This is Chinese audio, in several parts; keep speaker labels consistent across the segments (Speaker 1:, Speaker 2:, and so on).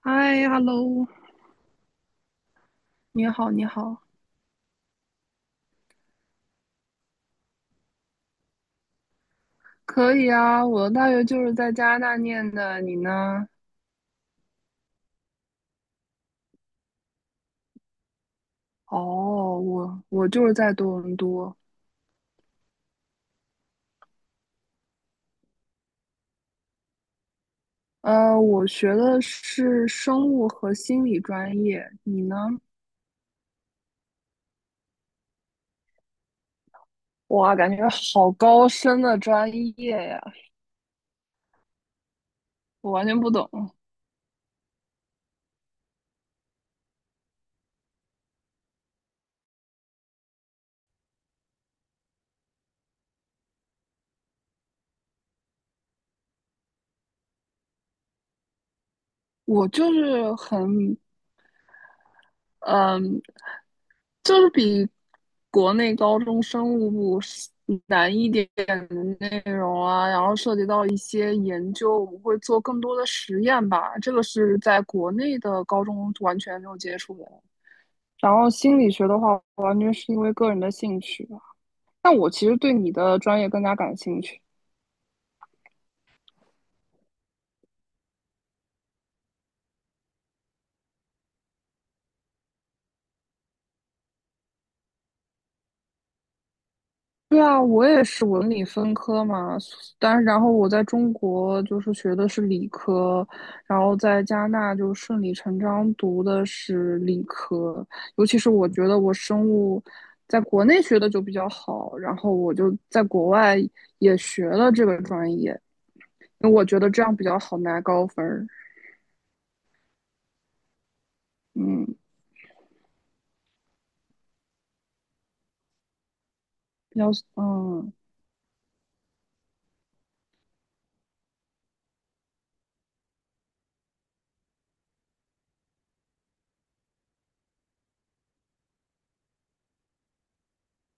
Speaker 1: 嗨，hello，你好，你好，可以啊。我的大学就是在加拿大念的，你呢？哦，我就是在多伦多。我学的是生物和心理专业，你呢？哇，感觉好高深的专业呀，我完全不懂。我就是很嗯，就是比国内高中生物部是难一点点的内容啊，然后涉及到一些研究，我们会做更多的实验吧。这个是在国内的高中完全没有接触的。然后心理学的话，完全是因为个人的兴趣吧。但我其实对你的专业更加感兴趣。对啊，我也是文理分科嘛，然后我在中国就是学的是理科，然后在加拿大就顺理成章读的是理科，尤其是我觉得我生物在国内学的就比较好，然后我就在国外也学了这个专业，因为我觉得这样比较好拿高分儿，嗯，比较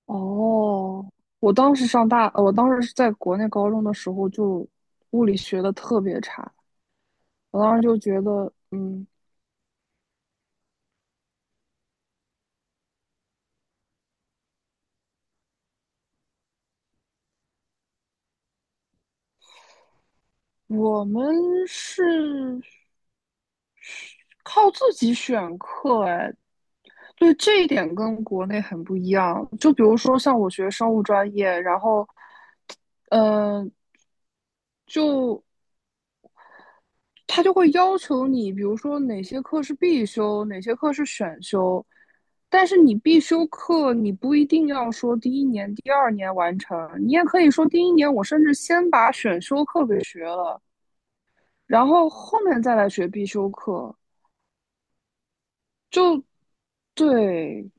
Speaker 1: 哦。我当时我当时是在国内高中的时候就物理学的特别差，我当时就觉得，嗯，我们是靠自己选课，哎，对这一点跟国内很不一样。就比如说像我学生物专业，然后，呃，就他就会要求你，比如说哪些课是必修，哪些课是选修。但是你必修课，你不一定要说第一年、第二年完成，你也可以说第一年我甚至先把选修课给学了。然后后面再来学必修课，就对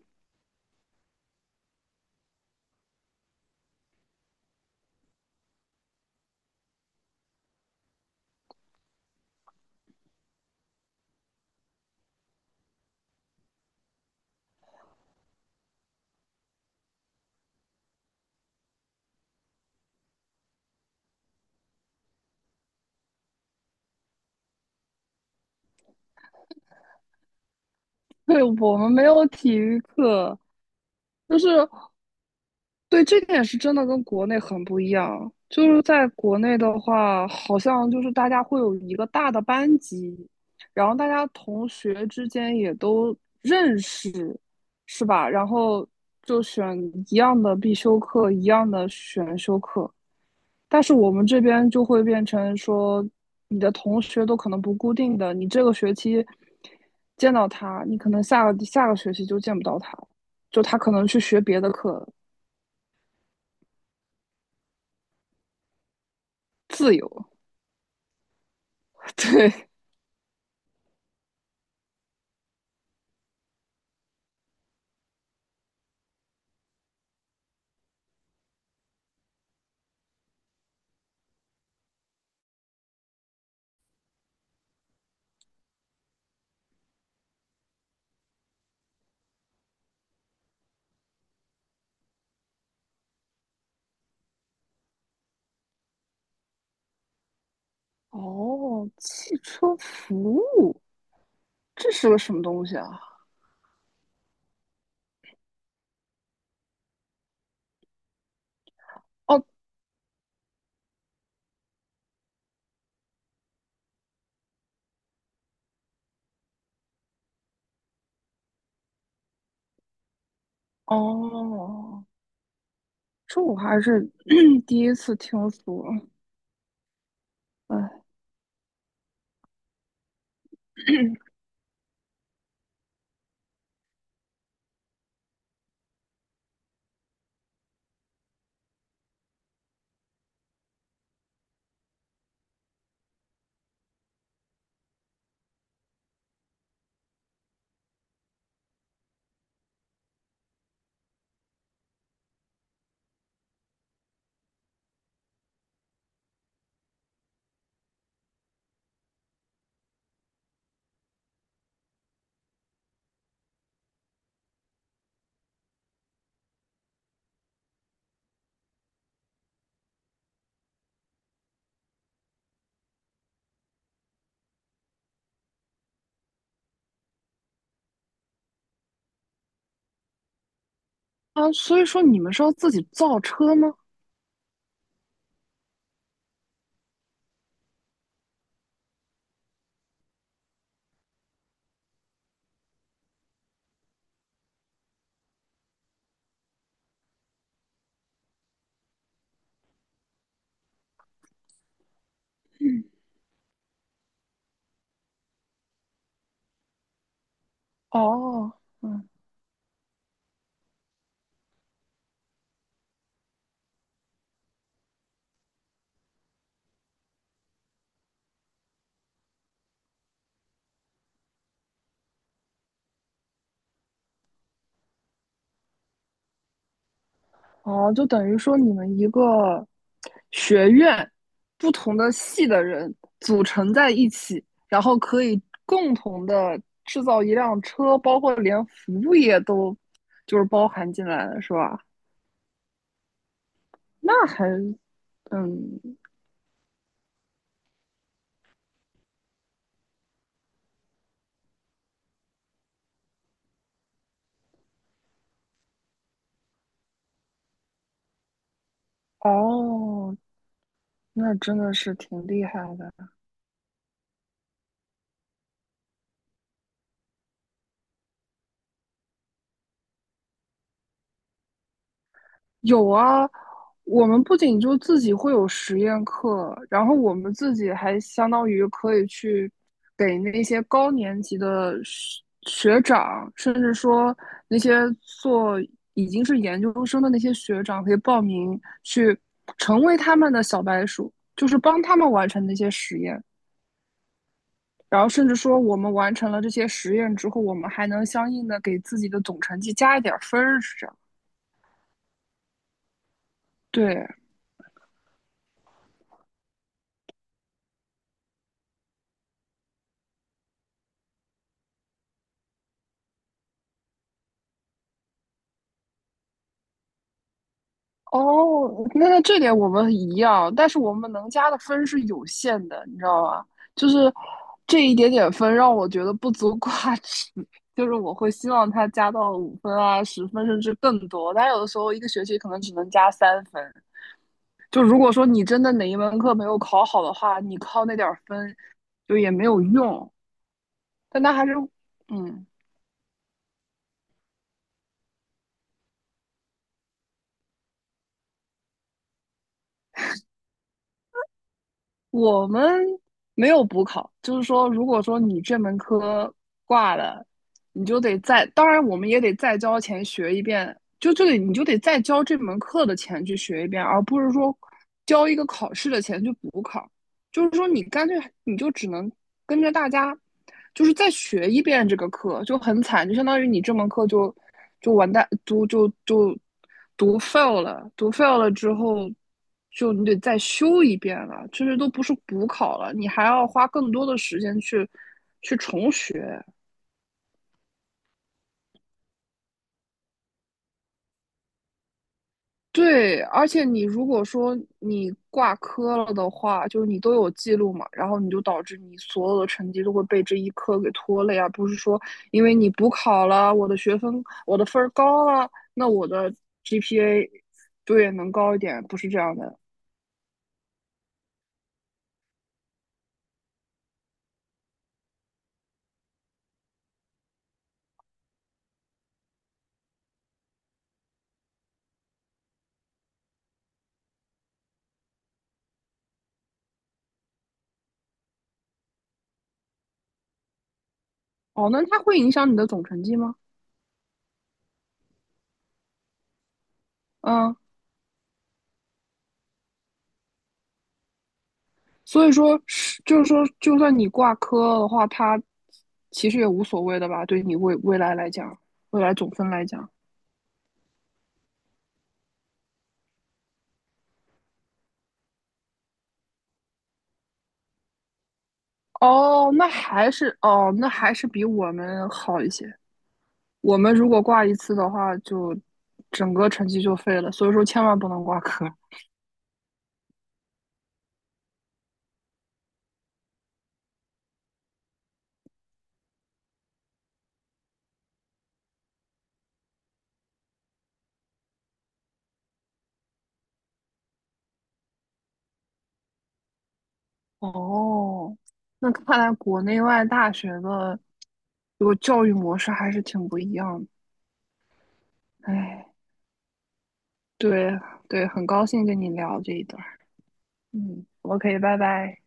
Speaker 1: 对，我们没有体育课，就是对这点是真的跟国内很不一样。就是在国内的话，好像就是大家会有一个大的班级，然后大家同学之间也都认识，是吧？然后就选一样的必修课，一样的选修课。但是我们这边就会变成说，你的同学都可能不固定的，你这个学期见到他，你可能下个学期就见不到他，就他可能去学别的课自由。对，哦，汽车服务，这是个什么东西啊？哦哦，这我还是 第一次听说。哎啊，所以说你们是要自己造车吗？哦，嗯，哦，就等于说你们一个学院不同的系的人组成在一起，然后可以共同的制造一辆车，包括连服务业都就是包含进来了，是吧？那还，嗯，哦，那真的是挺厉害的。有啊，我们不仅就自己会有实验课，然后我们自己还相当于可以去给那些高年级的学长，甚至说那些做已经是研究生的那些学长，可以报名去成为他们的小白鼠，就是帮他们完成那些实验。然后甚至说，我们完成了这些实验之后，我们还能相应的给自己的总成绩加一点儿分儿，是这样。对，哦，那那这点我们一样，但是我们能加的分是有限的，你知道吗？就是这一点点分让我觉得不足挂齿，就是我会希望他加到五分啊、十分甚至更多，但有的时候一个学期可能只能加三分。就如果说你真的哪一门课没有考好的话，你靠那点儿分就也没有用，但他还是嗯。我们没有补考，就是说，如果说你这门科挂了，你就得再，当然我们也得再交钱学一遍，就这个你就得再交这门课的钱去学一遍，而不是说交一个考试的钱去补考。就是说你干脆你就只能跟着大家，就是再学一遍这个课，就很惨，就相当于你这门课就完蛋，读读 fail 了，读 fail 了之后，就你得再修一遍了，甚至都不是补考了，你还要花更多的时间去重学，对，而且你如果说你挂科了的话，就是你都有记录嘛，然后你就导致你所有的成绩都会被这一科给拖累啊，而不是说因为你补考了，我的分儿高了，那我的 GPA 对，能高一点，不是这样的。哦，那它会影响你的总成绩吗？嗯，所以说就是说，就算你挂科的话，它其实也无所谓的吧，对你未来来讲，未来总分来讲。哦，那还是比我们好一些。我们如果挂一次的话，就整个成绩就废了，所以说千万不能挂科。哦，那看来国内外大学的这个教育模式还是挺不一样的。哎，对对，很高兴跟你聊这一段儿。嗯，OK，拜拜。